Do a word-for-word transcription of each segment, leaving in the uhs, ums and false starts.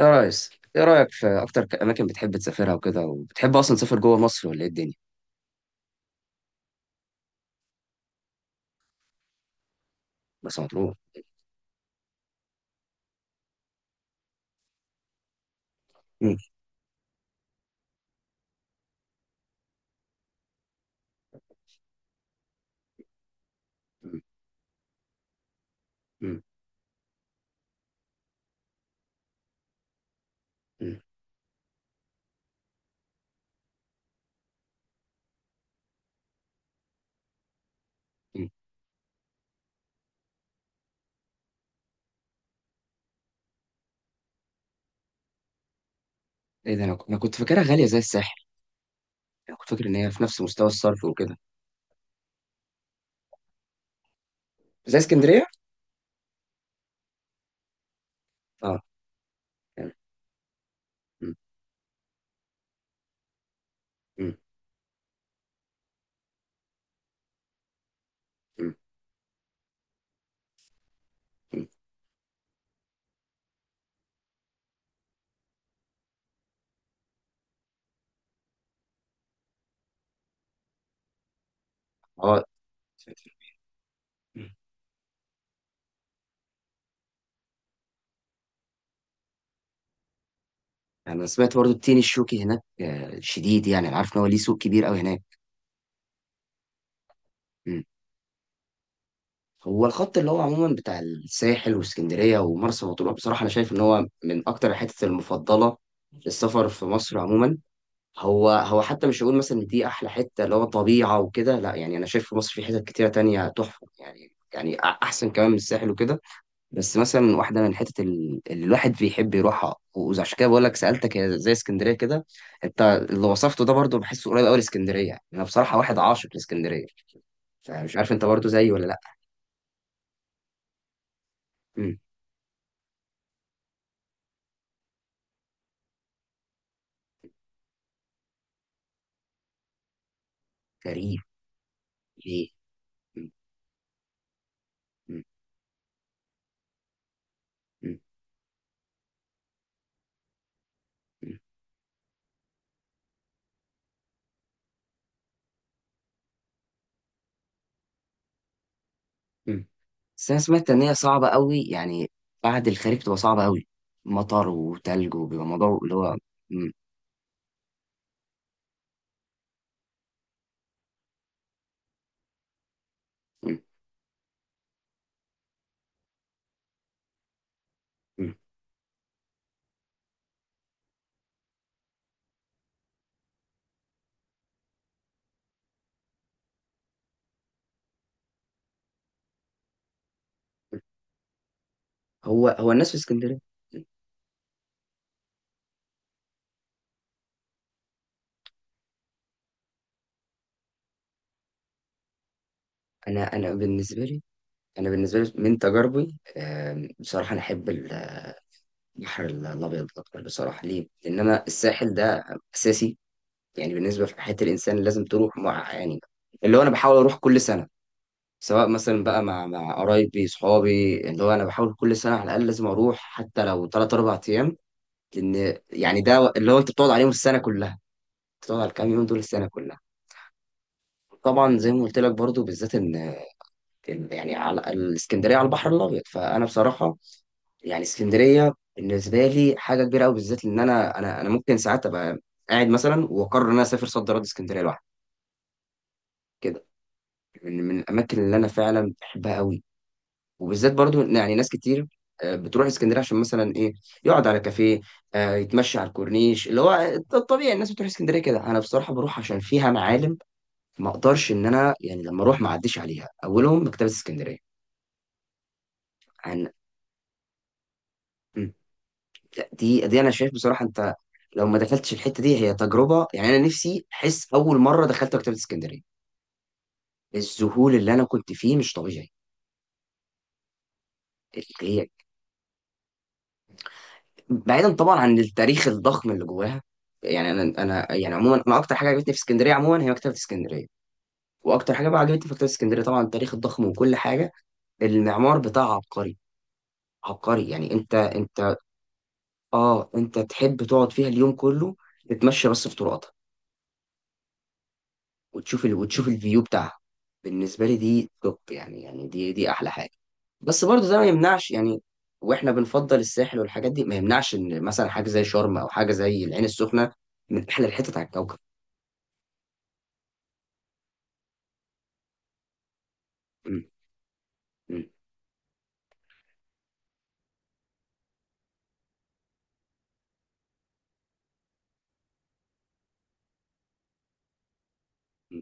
يا ريس، ايه رأيك في اكتر ك- اماكن بتحب تسافرها وكده؟ وبتحب اصلا تسافر جوه مصر ولا ايه الدنيا؟ بس مطلوب. مم. مم. مم. مم. مم. ايه ده؟ انا ك- أنا كنت فاكرها غالية زي الساحل. انا كنت فاكر ان هي في نفس مستوى الصرف وكده. زي اسكندرية. اه. تمام. مم. مم. مم. مم. اه مم. انا سمعت برضو التين الشوكي هناك آه، شديد، يعني انا عارف ان هو ليه سوق كبير قوي هناك. مم. هو الخط اللي هو عموما بتاع الساحل واسكندرية ومرسى مطروح، بصراحة انا شايف ان هو من اكتر الحتت المفضلة للسفر في مصر عموما. هو هو حتى مش هقول مثلا ان دي احلى حته اللي هو طبيعه وكده، لا، يعني انا شايف في مصر في حتت كتيره تانية تحفه، يعني يعني أ- احسن كمان من الساحل وكده. بس مثلا واحده من الحتت ال- اللي الواحد بيحب يروحها، وعشان كده بقول لك سالتك هي زي اسكندريه كده. انت اللي وصفته ده برضو بحسه قريب قوي لاسكندريه. انا بصراحه واحد عاشق لاسكندريه، فمش عارف انت برضو زيي ولا لا. امم. غريب. ليه؟ مم. مم. مم. مم. بس انا سمعت ان هي صعبه قوي يعني، بعد الخريف بتبقى صعبه قوي، مطر وتلج وبيبقى موضوع اللي هو. مم. مم. مم. هو هو الناس في اسكندريه. مم. انا انا بالنسبه لي، انا بالنسبه لي من تجاربي، آم، بصراحه انا احب البحر الابيض اكتر. بصراحه ليه؟ لان انا الساحل ده اساسي يعني بالنسبه في حياه الانسان لازم تروح مع، يعني اللي هو انا بحاول اروح كل سنه، سواء مثلا بقى مع مع قرايبي صحابي، اللي هو انا بحاول كل سنه على الاقل لازم اروح، حتى لو تلاته اربع ايام، لان يعني ده اللي هو انت بتقعد عليهم السنه كلها، بتقعد على الكام يوم دول السنه كلها. طبعا زي ما قلت لك برضو بالذات ان إن يعني على الاسكندريه، على البحر الابيض، فانا بصراحه يعني اسكندريه بالنسبه لي حاجه كبيره قوي، بالذات ان انا انا انا ممكن ساعات ابقى قاعد مثلا واقرر ان انا اسافر صد رد اسكندريه لوحدي كده. من من الاماكن اللي انا فعلا بحبها قوي. وبالذات برضو إن يعني ناس كتير آه، بتروح اسكندريه عشان مثلا ايه، يقعد على كافيه، آه، يتمشى على الكورنيش اللي هو الطبيعي. الناس بتروح اسكندريه كده، انا بصراحه بروح عشان فيها معالم، ما اقدرش ان انا يعني لما اروح ما اعديش عليها، اولهم مكتبه اسكندريه. عن. مم. لا، دي دي انا شايف بصراحه انت لو ما دخلتش الحته دي هي تجربه، يعني انا نفسي احس اول مره دخلت مكتبه اسكندريه الذهول اللي انا كنت فيه مش طبيعي. هي بعيدا طبعا عن التاريخ الضخم اللي جواها، يعني انا انا يعني عموما انا اكتر حاجه عجبتني في اسكندريه عموما هي مكتبه اسكندريه. واكتر حاجه بقى عجبتني في مكتبه اسكندريه، طبعا التاريخ الضخم وكل حاجه، المعمار بتاعها عبقري. عبقري يعني انت انت اه، انت تحب تقعد فيها اليوم كله، تتمشى بس في طرقاتها، وتشوف ال... وتشوف الفيو بتاعها. بالنسبه لي دي توب، يعني يعني دي دي احلى حاجه. بس برضه ده ما يمنعش يعني، واحنا بنفضل الساحل والحاجات دي، ما يمنعش ان مثلا حاجه زي شرم او حاجه زي العين السخنه من احلى الحتت على الكوكب. م- م- م.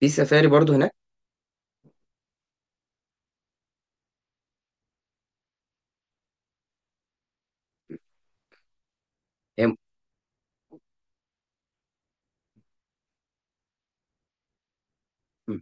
في سفاري برضه هناك. هي م- م.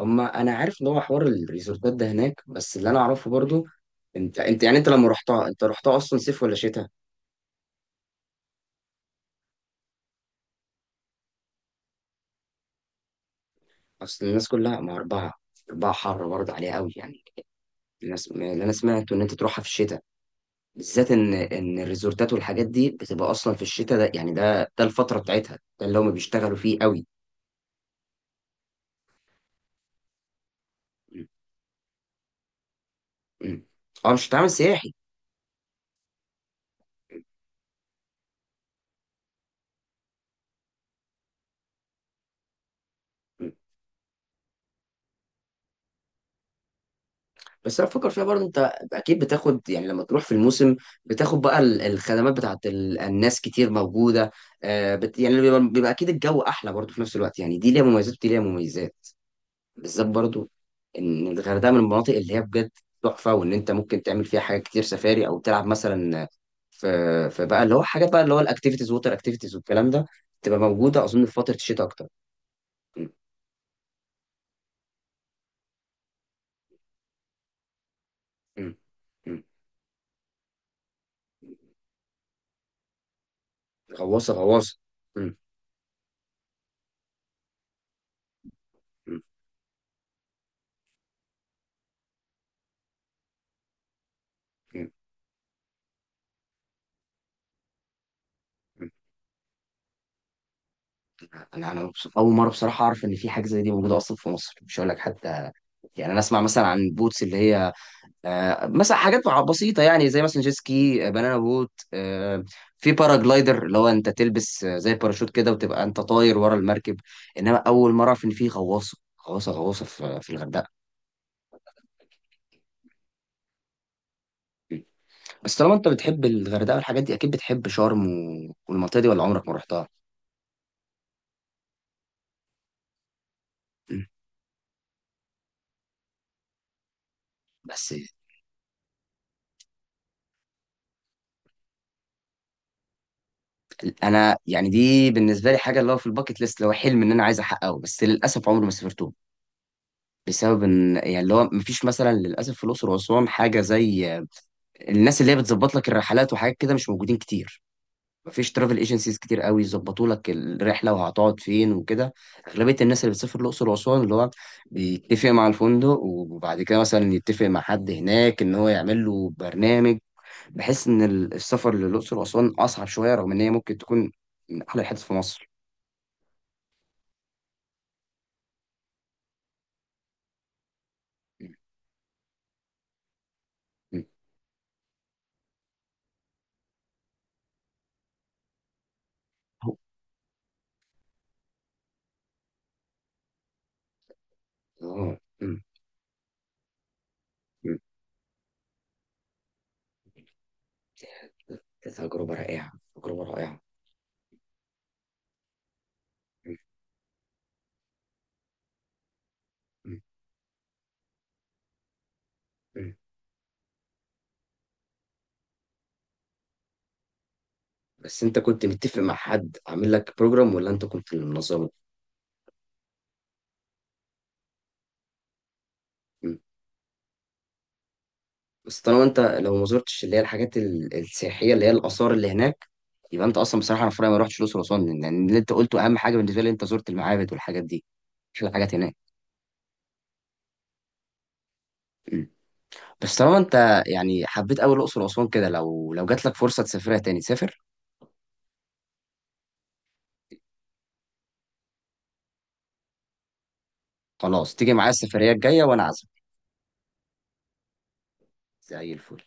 هما انا عارف ان هو حوار الريزورتات ده هناك، بس اللي انا اعرفه برضه، انت انت يعني انت لما رحتها انت رحتها اصلا صيف ولا شتاء؟ اصل الناس كلها، ما اربعه، اربعه حر برضه عليها قوي يعني. الناس اللي انا سمعته ان انت تروحها في الشتاء، بالذات ان ان الريزورتات والحاجات دي بتبقى اصلا في الشتاء، ده يعني ده ده الفتره بتاعتها، ده اللي هم بيشتغلوا فيه قوي. م- م. اه، مش هتعمل سياحي. م- م. بس انا بفكر فيها برضه انت، اكيد بتاخد يعني لما تروح في الموسم، بتاخد بقى ال- الخدمات بتاعت ال- الناس كتير موجوده. آه، بت يعني بيبقى، بيبقى اكيد الجو احلى برضه في نفس الوقت، يعني دي ليها مميزات ودي ليها مميزات. بالذات برضو ان الغردقه من المناطق اللي هي بجد تحفه، وان انت ممكن تعمل فيها حاجات كتير، سفاري او تلعب مثلا في في بقى اللي هو حاجات، بقى اللي هو الاكتيفيتيز، ووتر اكتيفيتيز والكلام ده، تبقى موجوده اظن في فتره الشتاء اكتر. م- م- م. غواصه غواصه. م- م- م- م. انا انا مبسوط. اول مره بصراحه اعرف ان في حاجه زي دي موجوده اصلا في مصر. مش هقول لك حتى، يعني انا اسمع مثلا عن البوتس اللي هي آه، مثلا حاجات مع- بسيطة، يعني زي مثلا جيت سكي، آه، بنانا بوت، آه، في باراجلايدر اللي هو انت تلبس آه، زي باراشوت كده، وتبقى انت طاير ورا المركب. انما اول مرة اعرف ان في غواصة، غواصة غواصة في في الغردقة. بس طالما انت بتحب الغردقة والحاجات دي، اكيد بتحب شرم و- والمنطقة دي، ولا عمرك ما رحتها؟ مم. بس انا يعني دي بالنسبة لي حاجة اللي هو في الباكت ليست، اللي هو حلم ان انا عايز احققه، بس للاسف عمري ما سافرته، بسبب ان يعني اللي هو مفيش مثلا للاسف في الاقصر واسوان حاجة زي الناس اللي هي بتظبط لك الرحلات، وحاجات كده مش موجودين كتير. مفيش ترافل ايجنسيز كتير قوي يظبطوا لك الرحله وهتقعد فين وكده. اغلبيه الناس اللي بتسافر الاقصر واسوان اللي هو بيتفق مع الفندق وبعد كده مثلا يتفق مع حد هناك ان هو يعمل له برنامج. بحس ان ال- السفر للاقصر واسوان اصعب شويه، رغم ان هي ممكن تكون من احلى الحتت في مصر. م- هو- م- اه م- م- تجربه رائعه، تجربه رائعه. م- م- بس انت كنت متفق مع حد عامل لك بروجرام، ولا انت كنت اللي منظمه؟ مم. بس طالما انت لو ما زرتش اللي هي الحاجات ال- السياحيه، اللي هي الاثار اللي هناك، يبقى انت اصلا بصراحه، انا في رايي ما رحتش الاقصر واسوان، لان يعني اللي انت قلته اهم حاجه بالنسبه لي، انت زرت المعابد والحاجات دي، مش الحاجات هناك. مم. بس طالما انت يعني حبيت قوي الاقصر واسوان كده، لو لو جات لك فرصه تسافرها تاني سافر. خلاص، تيجي معايا السفريه الجايه وانا عازمك. زي الفل.